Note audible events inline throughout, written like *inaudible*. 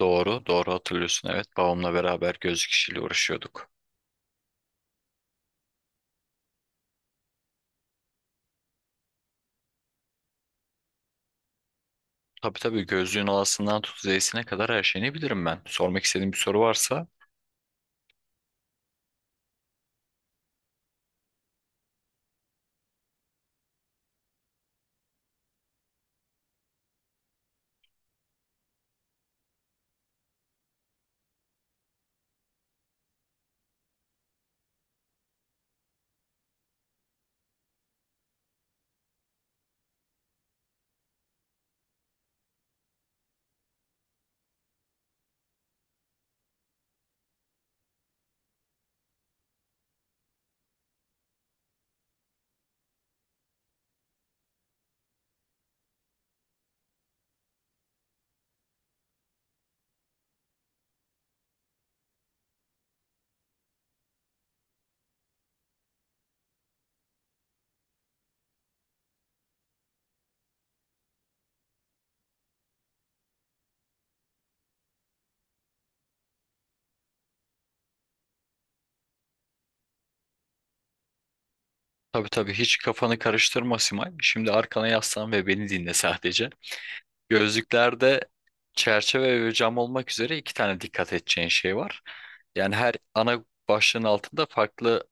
Doğru, doğru hatırlıyorsun. Evet, babamla beraber gözlük işiyle uğraşıyorduk. Tabii tabii gözlüğün alasından tut zeysine kadar her şeyini bilirim ben. Sormak istediğin bir soru varsa tabii tabii hiç kafanı karıştırma Simay. Şimdi arkana yaslan ve beni dinle sadece. Gözlüklerde çerçeve ve cam olmak üzere iki tane dikkat edeceğin şey var. Yani her ana başlığın altında farklı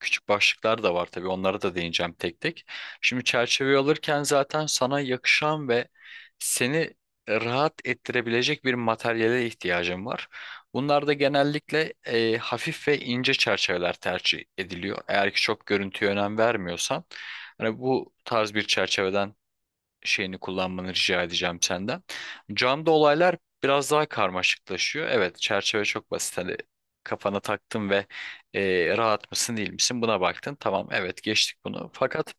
küçük başlıklar da var tabii. Onlara da değineceğim tek tek. Şimdi çerçeveyi alırken zaten sana yakışan ve seni rahat ettirebilecek bir materyale ihtiyacın var. Bunlar da genellikle hafif ve ince çerçeveler tercih ediliyor. Eğer ki çok görüntüye önem vermiyorsan, hani bu tarz bir çerçeveden şeyini kullanmanı rica edeceğim senden. Camda olaylar biraz daha karmaşıklaşıyor. Evet, çerçeve çok basit. Hani kafana taktın ve rahat mısın değil misin buna baktın. Tamam, evet geçtik bunu. Fakat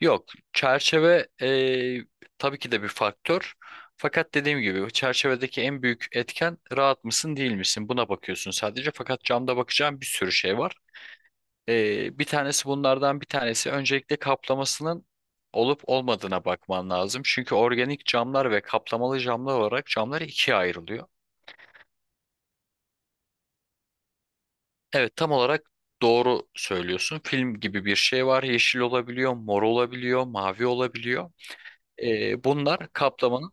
yok, çerçeve tabii ki de bir faktör. Fakat dediğim gibi çerçevedeki en büyük etken rahat mısın değil misin? Buna bakıyorsun sadece. Fakat camda bakacağın bir sürü şey var. Bir tanesi Bunlardan bir tanesi öncelikle kaplamasının olup olmadığına bakman lazım. Çünkü organik camlar ve kaplamalı camlar olarak camlar ikiye ayrılıyor. Evet tam olarak doğru söylüyorsun. Film gibi bir şey var. Yeşil olabiliyor, mor olabiliyor, mavi olabiliyor. Bunlar kaplamanın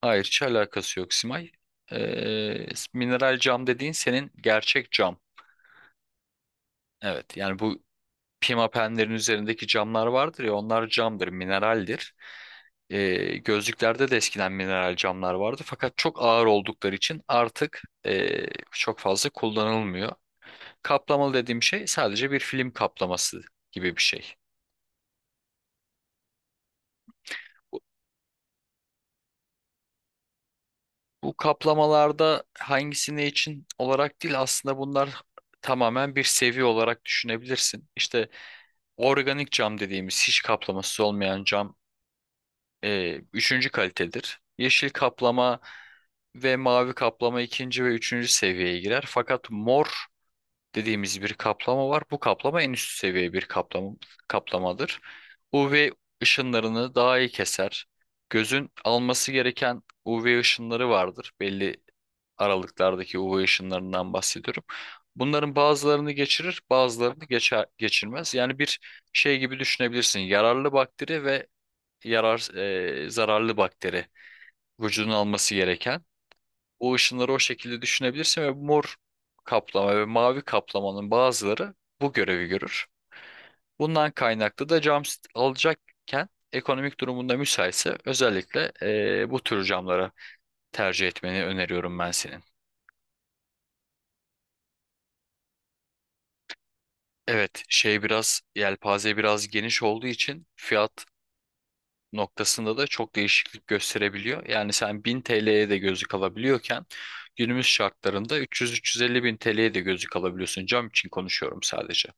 hayır hiç alakası yok Simay. Ee, Mineral cam dediğin senin gerçek cam. Evet yani bu pimapenlerin üzerindeki camlar vardır ya onlar camdır, mineraldir. E, gözlüklerde de eskiden mineral camlar vardı fakat çok ağır oldukları için artık çok fazla kullanılmıyor. Kaplamalı dediğim şey sadece bir film kaplaması gibi bir şey. Bu, bu kaplamalarda hangisi ne için olarak değil aslında bunlar tamamen bir seviye olarak düşünebilirsin. İşte organik cam dediğimiz hiç kaplaması olmayan cam üçüncü kalitedir. Yeşil kaplama ve mavi kaplama ikinci ve üçüncü seviyeye girer. Fakat mor dediğimiz bir kaplama var. Bu kaplama en üst seviye bir kaplamadır. UV ışınlarını daha iyi keser. Gözün alması gereken UV ışınları vardır. Belli aralıklardaki UV ışınlarından bahsediyorum. Bunların bazılarını geçirir, bazılarını geçer, geçirmez. Yani bir şey gibi düşünebilirsin. Yararlı bakteri ve yarar, zararlı bakteri vücudun alması gereken o ışınları o şekilde düşünebilirsin ve mor kaplama ve mavi kaplamanın bazıları bu görevi görür. Bundan kaynaklı da cam sit alacakken ekonomik durumunda müsaitse özellikle bu tür camlara tercih etmeni öneriyorum ben senin. Evet, şey biraz yelpaze biraz geniş olduğu için fiyat noktasında da çok değişiklik gösterebiliyor. Yani sen 1000 TL'ye de gözlük alabiliyorken günümüz şartlarında 300-350 bin TL'ye de gözlük alabiliyorsun. Cam için konuşuyorum sadece.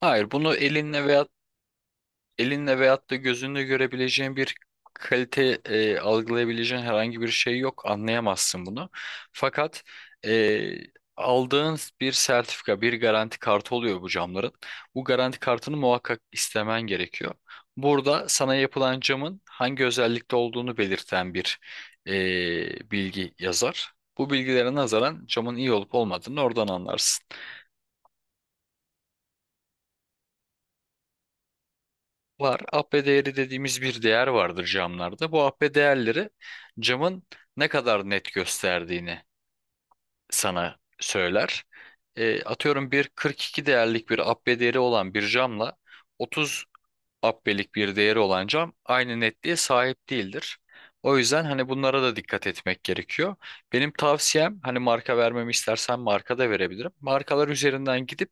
Hayır, bunu elinle veyahut da gözünle görebileceğin bir kalite algılayabileceğin herhangi bir şey yok. Anlayamazsın bunu. Fakat e, aldığın bir sertifika, bir garanti kartı oluyor bu camların. Bu garanti kartını muhakkak istemen gerekiyor. Burada sana yapılan camın hangi özellikte olduğunu belirten bir bilgi yazar. Bu bilgilere nazaran camın iyi olup olmadığını oradan anlarsın. Var. AP değeri dediğimiz bir değer vardır camlarda. Bu AP değerleri camın ne kadar net gösterdiğini sana söyler. Atıyorum bir 42 değerlik bir AP değeri olan bir camla otuz abbelik bir değeri olan cam aynı netliğe sahip değildir. O yüzden hani bunlara da dikkat etmek gerekiyor. Benim tavsiyem hani marka vermemi istersen marka da verebilirim. Markalar üzerinden gidip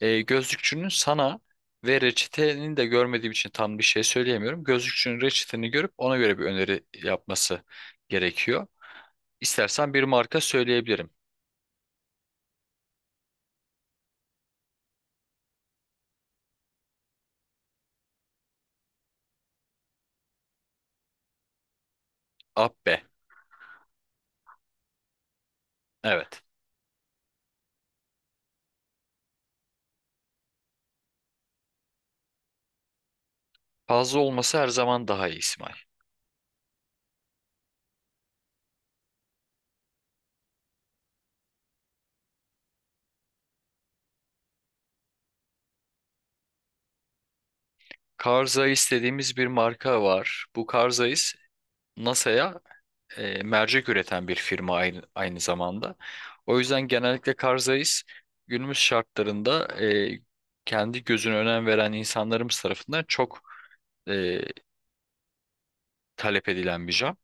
gözlükçünün sana ve reçetenin de görmediğim için tam bir şey söyleyemiyorum. Gözlükçünün reçeteni görüp ona göre bir öneri yapması gerekiyor. İstersen bir marka söyleyebilirim. Abbe. Evet. Fazla olması her zaman daha iyi İsmail. Carl Zeiss dediğimiz bir marka var. Bu Carl Zeiss NASA'ya mercek üreten bir firma aynı zamanda. O yüzden genellikle Karzais günümüz şartlarında kendi gözüne önem veren insanlarımız tarafından çok e, talep edilen bir cam.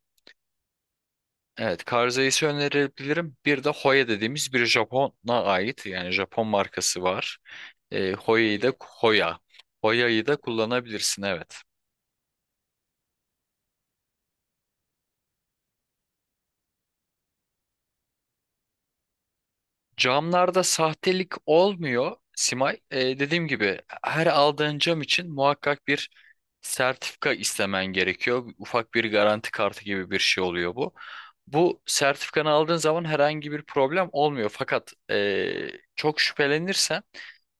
Evet, Karzais'i önerebilirim. Bir de Hoya dediğimiz bir Japon'a ait yani Japon markası var. Hoya'yı da Hoya. Hoya'yı da kullanabilirsin evet. Camlarda sahtelik olmuyor Simay. Dediğim gibi her aldığın cam için muhakkak bir sertifika istemen gerekiyor. Ufak bir garanti kartı gibi bir şey oluyor bu. Bu sertifikanı aldığın zaman herhangi bir problem olmuyor. Fakat çok şüphelenirsen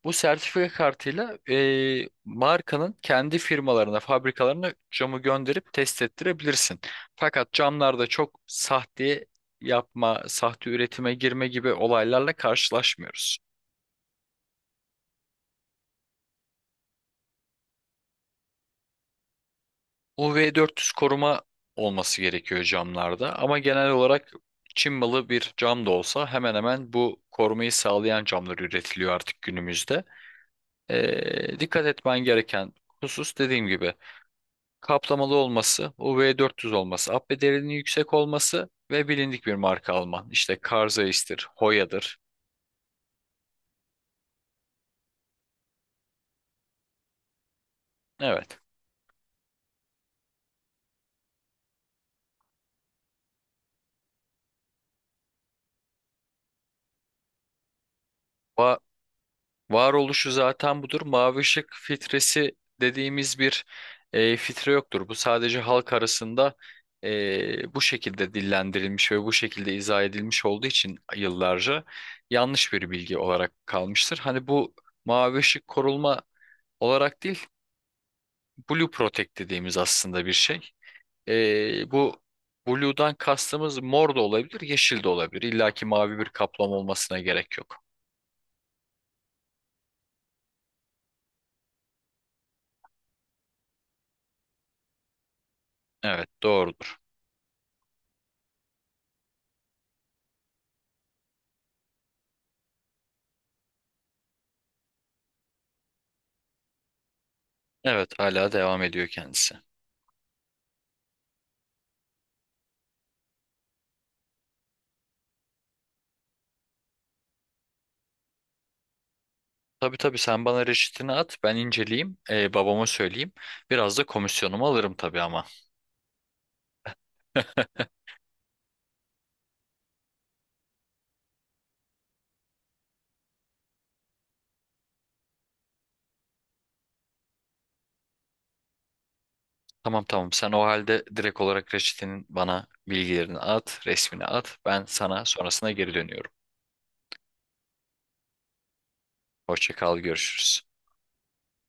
bu sertifika kartıyla markanın kendi firmalarına, fabrikalarına camı gönderip test ettirebilirsin. Fakat camlarda çok sahte yapma, sahte üretime girme gibi olaylarla karşılaşmıyoruz. UV400 koruma olması gerekiyor camlarda ama genel olarak Çin malı bir cam da olsa hemen hemen bu korumayı sağlayan camlar üretiliyor artık günümüzde. Dikkat etmen gereken husus dediğim gibi kaplamalı olması, UV400 olması, abbe derinliği yüksek olması ve bilindik bir marka Alman. İşte Karzeis'tir, Hoya'dır. Evet. Varoluşu zaten budur. Mavi ışık filtresi dediğimiz bir filtre yoktur. Bu sadece halk arasında bu şekilde dillendirilmiş ve bu şekilde izah edilmiş olduğu için yıllarca yanlış bir bilgi olarak kalmıştır. Hani bu mavi ışık koruma olarak değil, Blue Protect dediğimiz aslında bir şey. Bu Blue'dan kastımız mor da olabilir, yeşil de olabilir. İlla ki mavi bir kaplama olmasına gerek yok. Evet, doğru. Evet hala devam ediyor kendisi. Tabii tabii sen bana reçetini at ben inceleyeyim babama söyleyeyim. Biraz da komisyonumu alırım tabii ama. *laughs* Tamam tamam sen o halde direkt olarak reçetenin bana bilgilerini at resmini at ben sana sonrasına geri dönüyorum. Hoşça kal görüşürüz.